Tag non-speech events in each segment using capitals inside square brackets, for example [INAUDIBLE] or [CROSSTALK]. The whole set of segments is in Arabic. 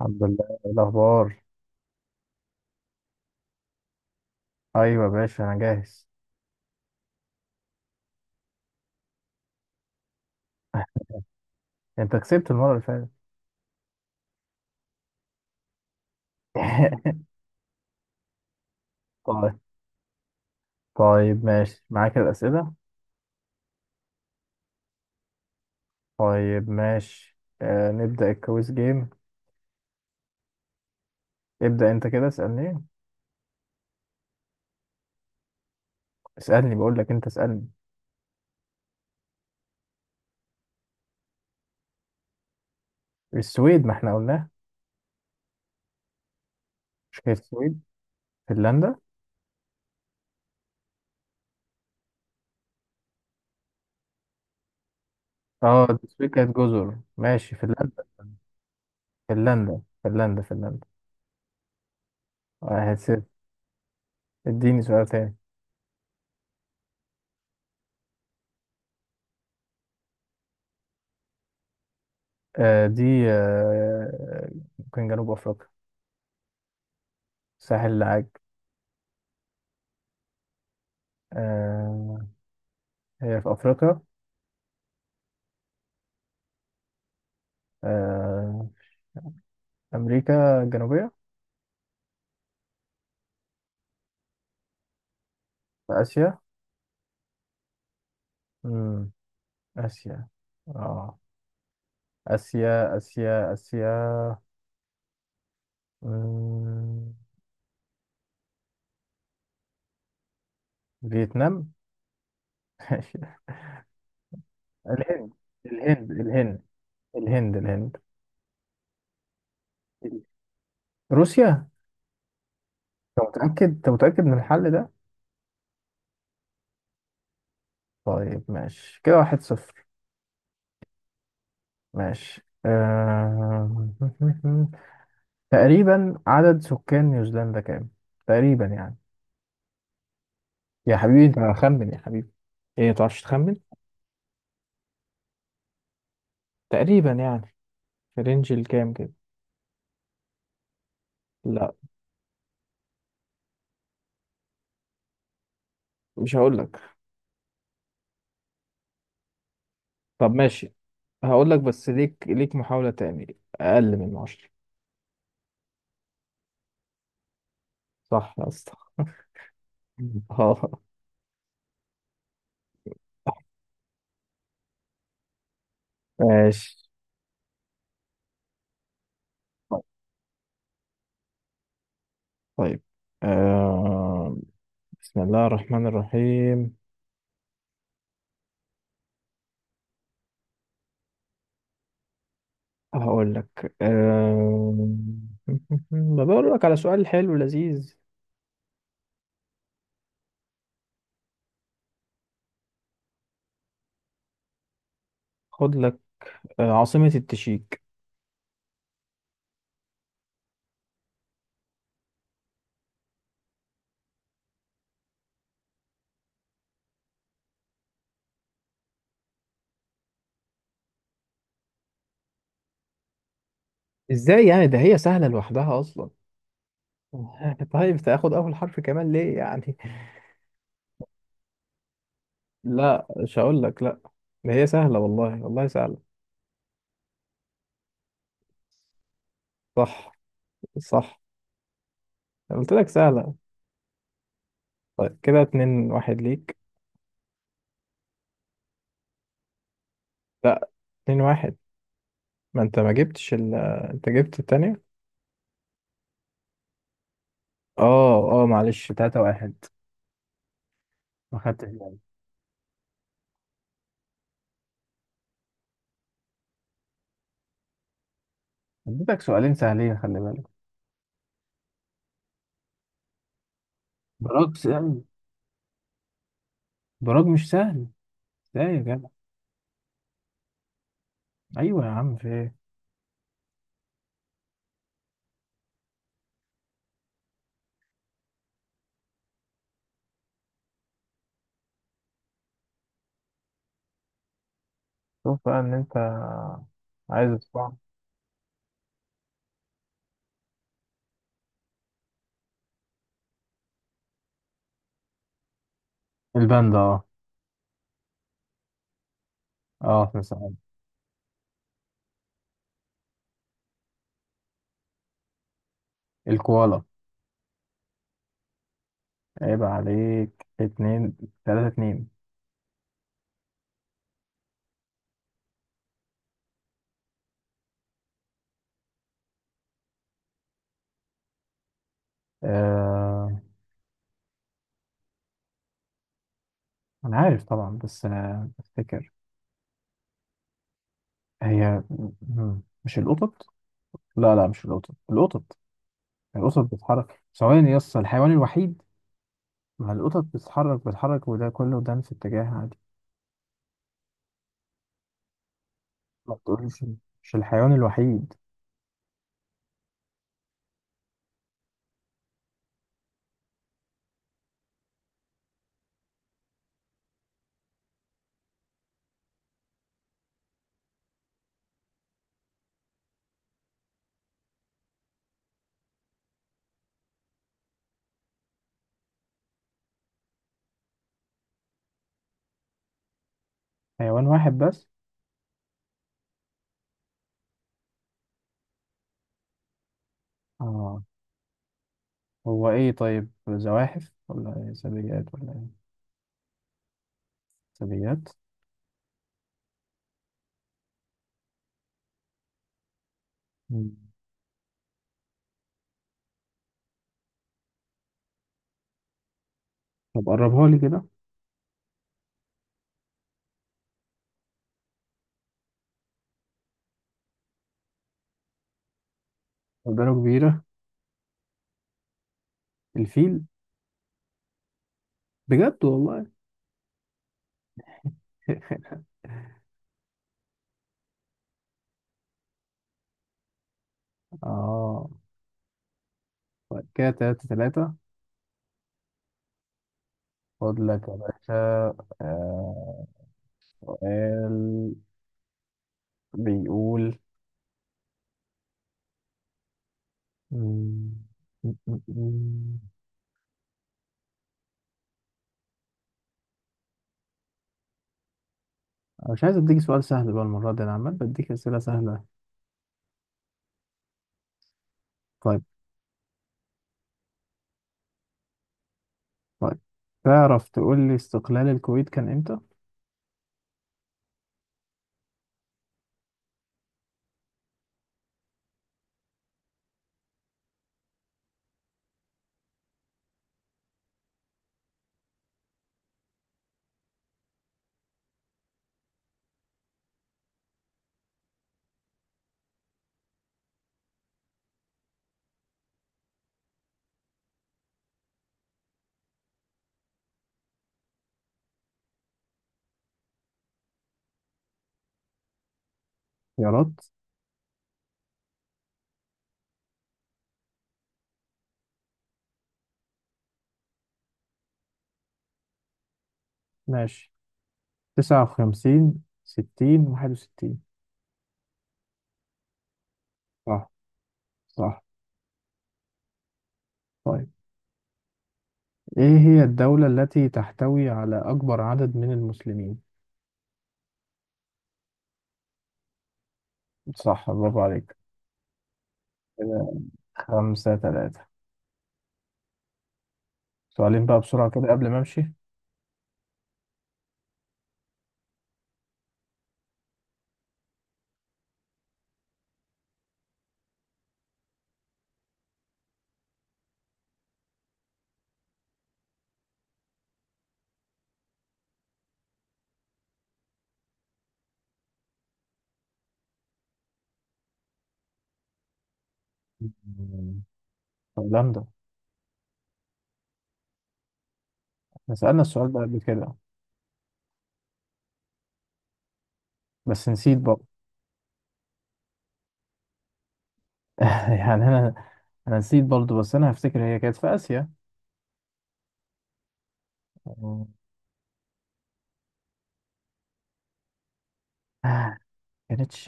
الحمد لله، إيه الاخبار؟ ايوه يا باشا، انا جاهز. [LAUGHS] انت كسبت المره اللي فاتت. [LAUGHS] طيب، طيب، ماشي معاك الاسئله. طيب ماشي، نبدا الكويس جيم. ابدا، انت كده اسالني. اسالني، بقول لك انت اسالني. السويد؟ ما احنا قلناه. مش كانت السويد؟ فنلندا. اه، السويد كانت جزر. ماشي، فنلندا، فنلندا، فنلندا، فنلدا. 1-0. اديني سؤال تاني. آه، دي، آه ممكن جنوب افريقيا. ساحل العاج. آه، هي في أفريقيا. آه، أمريكا الجنوبية. في آسيا. مم. آسيا. آه آسيا، آسيا، آسيا. مم. فيتنام. [LAUGHS] الهند، الهند، الهند، الهند، الهند. روسيا. أنت متأكد، أنت متأكد من الحل ده؟ طيب ماشي كده 1-0. ماشي، [LAUGHS] تقريبا عدد سكان نيوزيلندا كام؟ تقريبا يعني. يا حبيبي، أنت خمن يا حبيبي. إيه، ما تعرفش تخمن؟ تقريبا يعني، في رينج الكام كده؟ لا، مش هقول لك. طب ماشي. هقول لك، بس ليك محاولة تاني أقل من 10. صح يا اسطى. [LAUGHS] اه، ماشي. طيب، آه... بسم الله الرحمن الرحيم. هقول لك، [LAUGHS] بدور لك على سؤال حلو لذيذ. خد لك. عاصمة التشيك. ازاي يعني؟ ده هي سهلة لوحدها أصلا. [LAUGHS] طيب تاخد أول حرف كمان ليه يعني؟ لا، مش هقول لك، لا. ده هي سهلة، والله، والله سهلة. صح، صح. أنا قلت لك سهلة. طيب كده 2-1 ليك. لا، 2-1. ما انت ما جبتش انت جبت التانية. اه، اه، معلش، 3 واحد. ما خدتش بالي. اديتك سؤالين سهلين، خلي بالك. براج سهل. براج مش سهل. ازاي يا جدع؟ ايوه يا عم، في ايه؟ شوف بقى، ان انت عايز تصبح. الباندا، اه. اه، احنا سهل. الكوالا. عيب عليك، 3-2. آه، أنا عارف طبعا، بس أنا بفتكر. هي. مش القطط. لا، لا، مش القطط. القطط، القطط بتتحرك ثواني يا اسطى، الحيوان الوحيد؟ ما القطط بتتحرك، بتتحرك، وده كله ده في اتجاه عادي. ما تقولش، مش الحيوان الوحيد؟ حيوان واحد بس؟ آه. هو إيه طيب، زواحف ولا إيه؟ ثدييات ولا إيه؟ ثدييات. مم. طب قربها لي كده. قدرة كبيرة. الفيل. بجد والله؟ [LAUGHS] آه. طيب كده 3-3. خد لك يا باشا. آه، سؤال بيقول. مم، مم، مم، مم. أنا مش عايز أديك سؤال سهل بقى المرة دي، أنا عمال بديك أسئلة سهلة. طيب. طيب، تعرف تقول لي استقلال الكويت كان إمتى؟ اختيارات؟ ماشي، 59، 60، 61. صح، صح. طيب، إيه هي الدولة التي تحتوي على أكبر عدد من المسلمين؟ صح، برافو عليك. كده 5-3. سؤالين بقى بسرعة كده قبل ما أمشي. مم. هولندا. احنا سألنا السؤال ده قبل كده. بس نسيت برضه. [LAUGHS] يعني، انا نسيت برضه، بس انا هفتكر هي كانت في اسيا. مم. آه، كانتش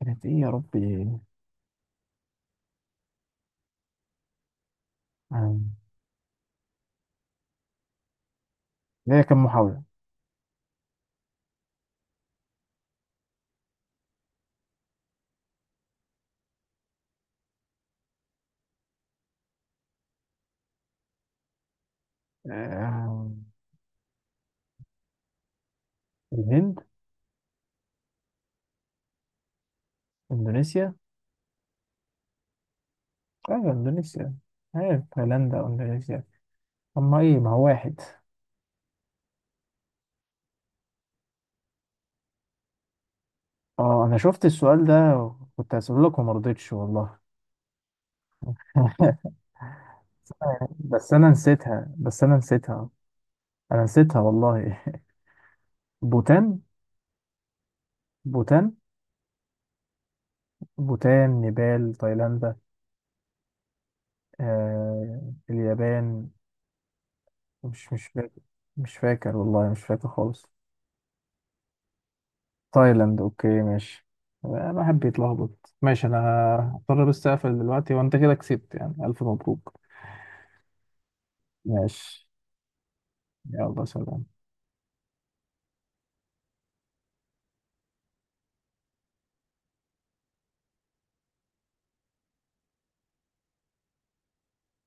كانت ايه يا ربي. مم. هي كان محاولة. آه، الهند. اندونيسيا. ايوه، اندونيسيا. ايوه، هولندا واندونيسيا. اما ايه، ما هو واحد. اه، انا شفت السؤال ده وكنت هسأله لك وما رضيتش والله. [LAUGHS] بس انا نسيتها، بس انا نسيتها. انا نسيتها والله. [LAUGHS] بوتان. بوتان، بوتان، نيبال، تايلاندا. آه، اليابان. مش فاكر. مش فاكر والله، مش فاكر خالص. تايلاند، اوكي، ماشي. آه، بحب يتلخبط. ماشي انا هضطر بس اقفل دلوقتي، وانت كده كسبت يعني، الف مبروك. ماشي. يلا، سلام.